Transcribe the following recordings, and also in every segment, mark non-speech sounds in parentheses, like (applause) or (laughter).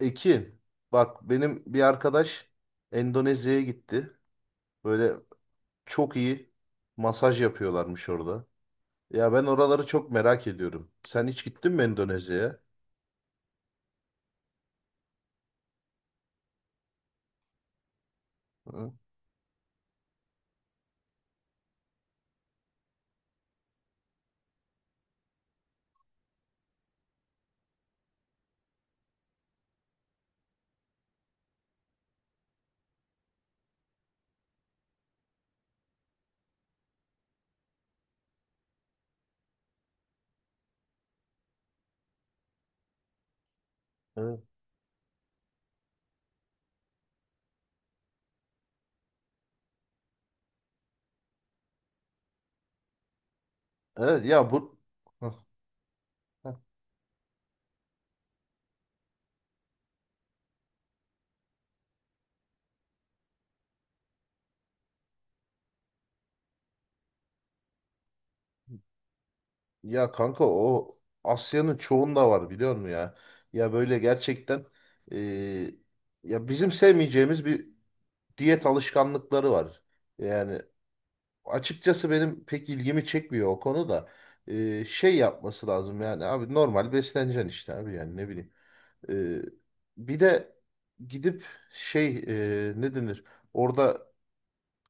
Ekin, bak benim bir arkadaş Endonezya'ya gitti. Böyle çok iyi masaj yapıyorlarmış orada. Ya ben oraları çok merak ediyorum. Sen hiç gittin mi Endonezya'ya? Hı. Evet. Evet ya bu. Hı, hı. Ya kanka Asya'nın çoğunda var biliyor musun ya? Ya böyle gerçekten, eee, ya bizim sevmeyeceğimiz bir diyet alışkanlıkları var. Yani açıkçası benim pek ilgimi çekmiyor o konuda. Şey yapması lazım yani abi, normal besleneceksin işte abi, yani ne bileyim. Ee, Bir de gidip şey, ne denir? Orada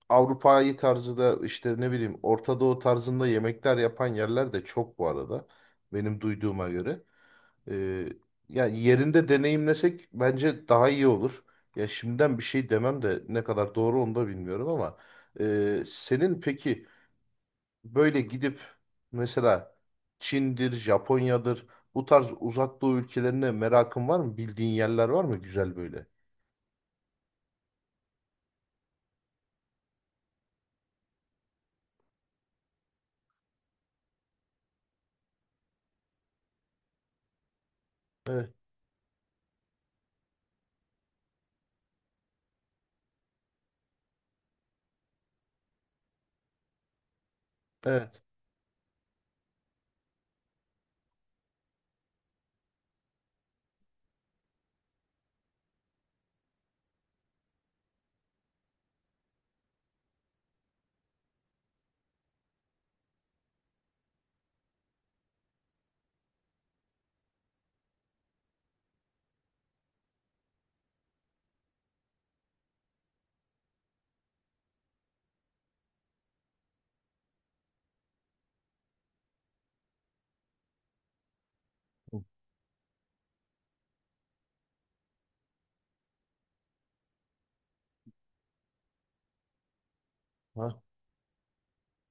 Avrupa'yı tarzı da işte ne bileyim, Orta Doğu tarzında yemekler yapan yerler de çok bu arada. Benim duyduğuma göre. Ee, Yani yerinde deneyimlesek bence daha iyi olur. Ya şimdiden bir şey demem de ne kadar doğru onu da bilmiyorum ama. Senin peki böyle gidip mesela Çin'dir, Japonya'dır, bu tarz uzak doğu ülkelerine merakın var mı? Bildiğin yerler var mı güzel böyle? Evet, evet. Hı.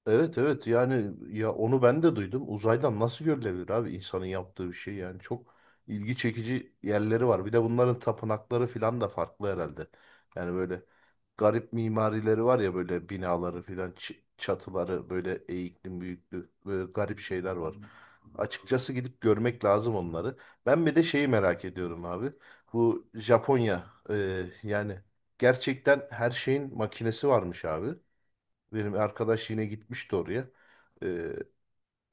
Evet, evet yani, ya onu ben de duydum. Uzaydan nasıl görülebilir abi insanın yaptığı bir şey, yani çok ilgi çekici yerleri var. Bir de bunların tapınakları filan da farklı herhalde. Yani böyle garip mimarileri var ya, böyle binaları filan çatıları böyle eğikli büyüklü, böyle garip şeyler var. Açıkçası gidip görmek lazım onları. Ben bir de şeyi merak ediyorum abi. Bu Japonya, yani gerçekten her şeyin makinesi varmış abi. Benim arkadaş yine gitmişti oraya. Ee,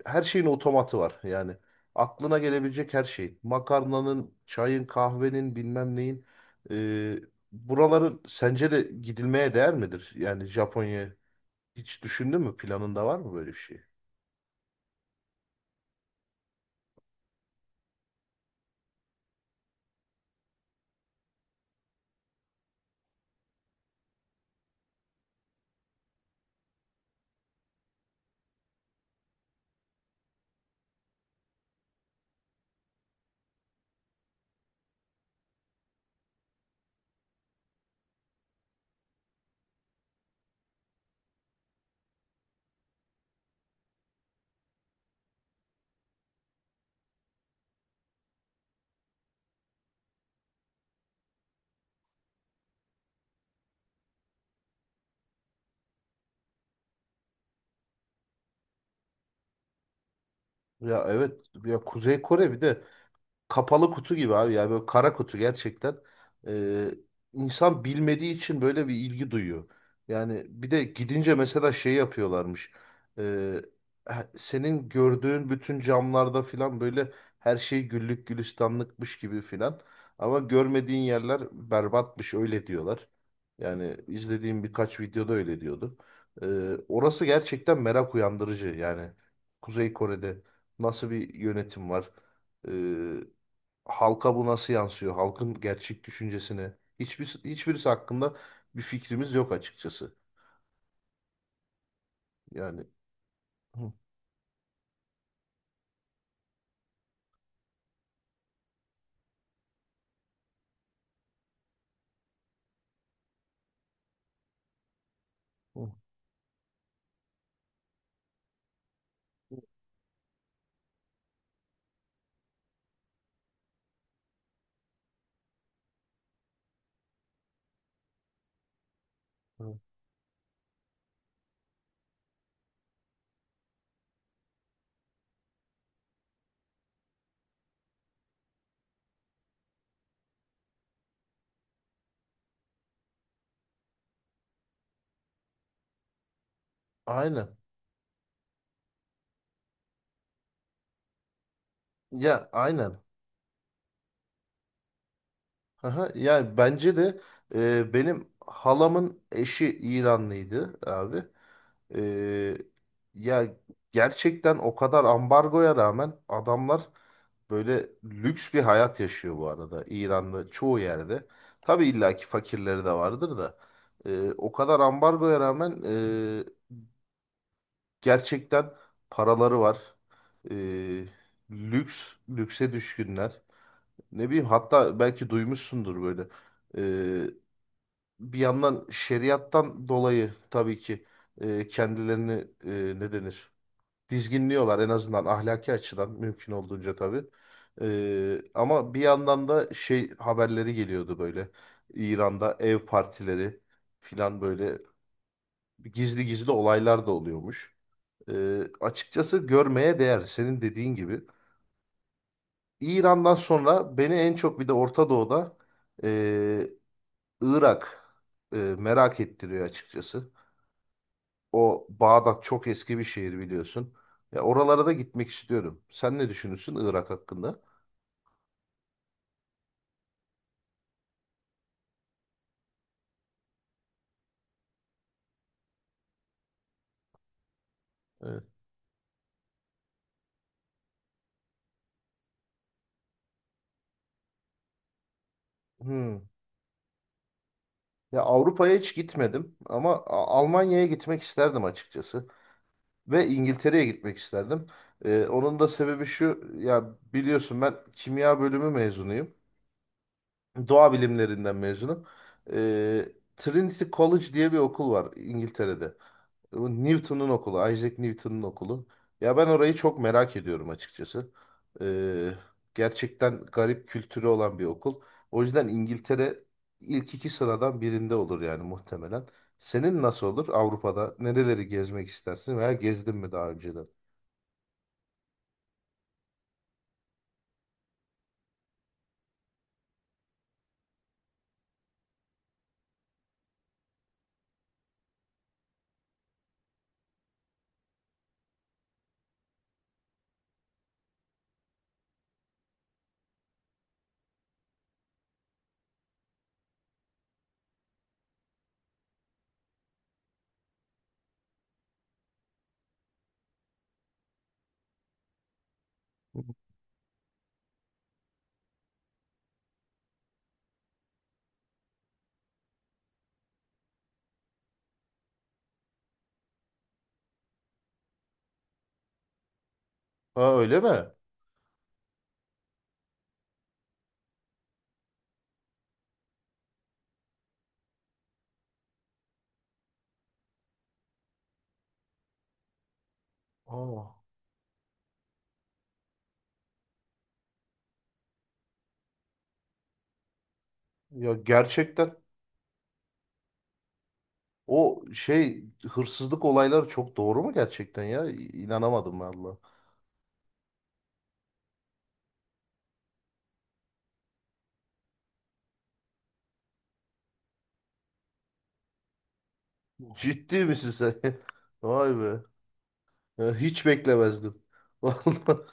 Her şeyin otomatı var yani. Aklına gelebilecek her şeyin. Makarnanın, çayın, kahvenin, bilmem neyin. Ee, Buraların sence de gidilmeye değer midir? Yani Japonya, hiç düşündün mü? Planında var mı böyle bir şey? Ya evet, ya Kuzey Kore bir de. Kapalı kutu gibi abi ya, böyle kara kutu gerçekten. Ee, insan bilmediği için böyle bir ilgi duyuyor. Yani bir de gidince mesela şey yapıyorlarmış. Ee, Senin gördüğün bütün camlarda filan böyle her şey güllük gülistanlıkmış gibi filan. Ama görmediğin yerler berbatmış, öyle diyorlar. Yani izlediğim birkaç videoda öyle diyordu. Ee, Orası gerçekten merak uyandırıcı. Yani Kuzey Kore'de nasıl bir yönetim var? Ee, Halka bu nasıl yansıyor? Halkın gerçek düşüncesini. Hiçbirisi hakkında bir fikrimiz yok açıkçası. Yani. Hı, hı, hı. Aynen. Ya aynen. Aha, yani bence de, benim halamın eşi İranlıydı abi. E, Ya gerçekten o kadar ambargoya rağmen adamlar böyle lüks bir hayat yaşıyor bu arada İran'da çoğu yerde. Tabii illaki fakirleri de vardır da, o kadar ambargoya rağmen e, gerçekten paraları var. E, Lüks, lükse düşkünler. Ne bileyim, hatta belki duymuşsundur böyle. Bir yandan şeriattan dolayı tabii ki kendilerini, ne denir? Dizginliyorlar en azından, ahlaki açıdan mümkün olduğunca tabii. Ama bir yandan da şey haberleri geliyordu böyle. İran'da ev partileri filan, böyle gizli gizli olaylar da oluyormuş. E, Açıkçası görmeye değer senin dediğin gibi. İran'dan sonra beni en çok bir de Orta Doğu'da, e, Irak merak ettiriyor açıkçası. O Bağdat çok eski bir şehir biliyorsun. Ya oralara da gitmek istiyorum. Sen ne düşünürsün Irak hakkında? Evet. Hmm. Ya Avrupa'ya hiç gitmedim ama Almanya'ya gitmek isterdim açıkçası, ve İngiltere'ye gitmek isterdim. Onun da sebebi şu ya, biliyorsun ben kimya bölümü mezunuyum. Doğa bilimlerinden mezunum. Ee, Trinity College diye bir okul var İngiltere'de. Bu Newton'un okulu, Isaac Newton'un okulu. Ya ben orayı çok merak ediyorum açıkçası. Ee, Gerçekten garip kültürü olan bir okul. O yüzden İngiltere ilk iki sıradan birinde olur yani muhtemelen. Senin nasıl olur Avrupa'da? Nereleri gezmek istersin veya gezdin mi daha önceden? Ha, öyle mi? Aa, ya gerçekten o şey, hırsızlık olayları çok doğru mu gerçekten ya? İnanamadım vallahi. Ciddi misin sen? (laughs) Vay be. Ya hiç beklemezdim. (laughs) Vallahi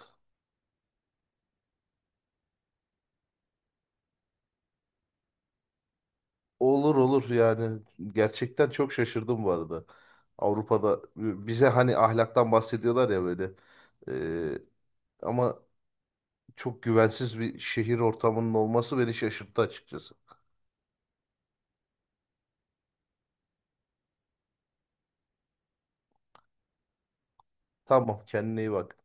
olur, olur yani. Gerçekten çok şaşırdım bu arada. Avrupa'da, bize hani ahlaktan bahsediyorlar ya böyle. Ee, Ama çok güvensiz bir şehir ortamının olması beni şaşırttı açıkçası. Tamam, kendine iyi bak.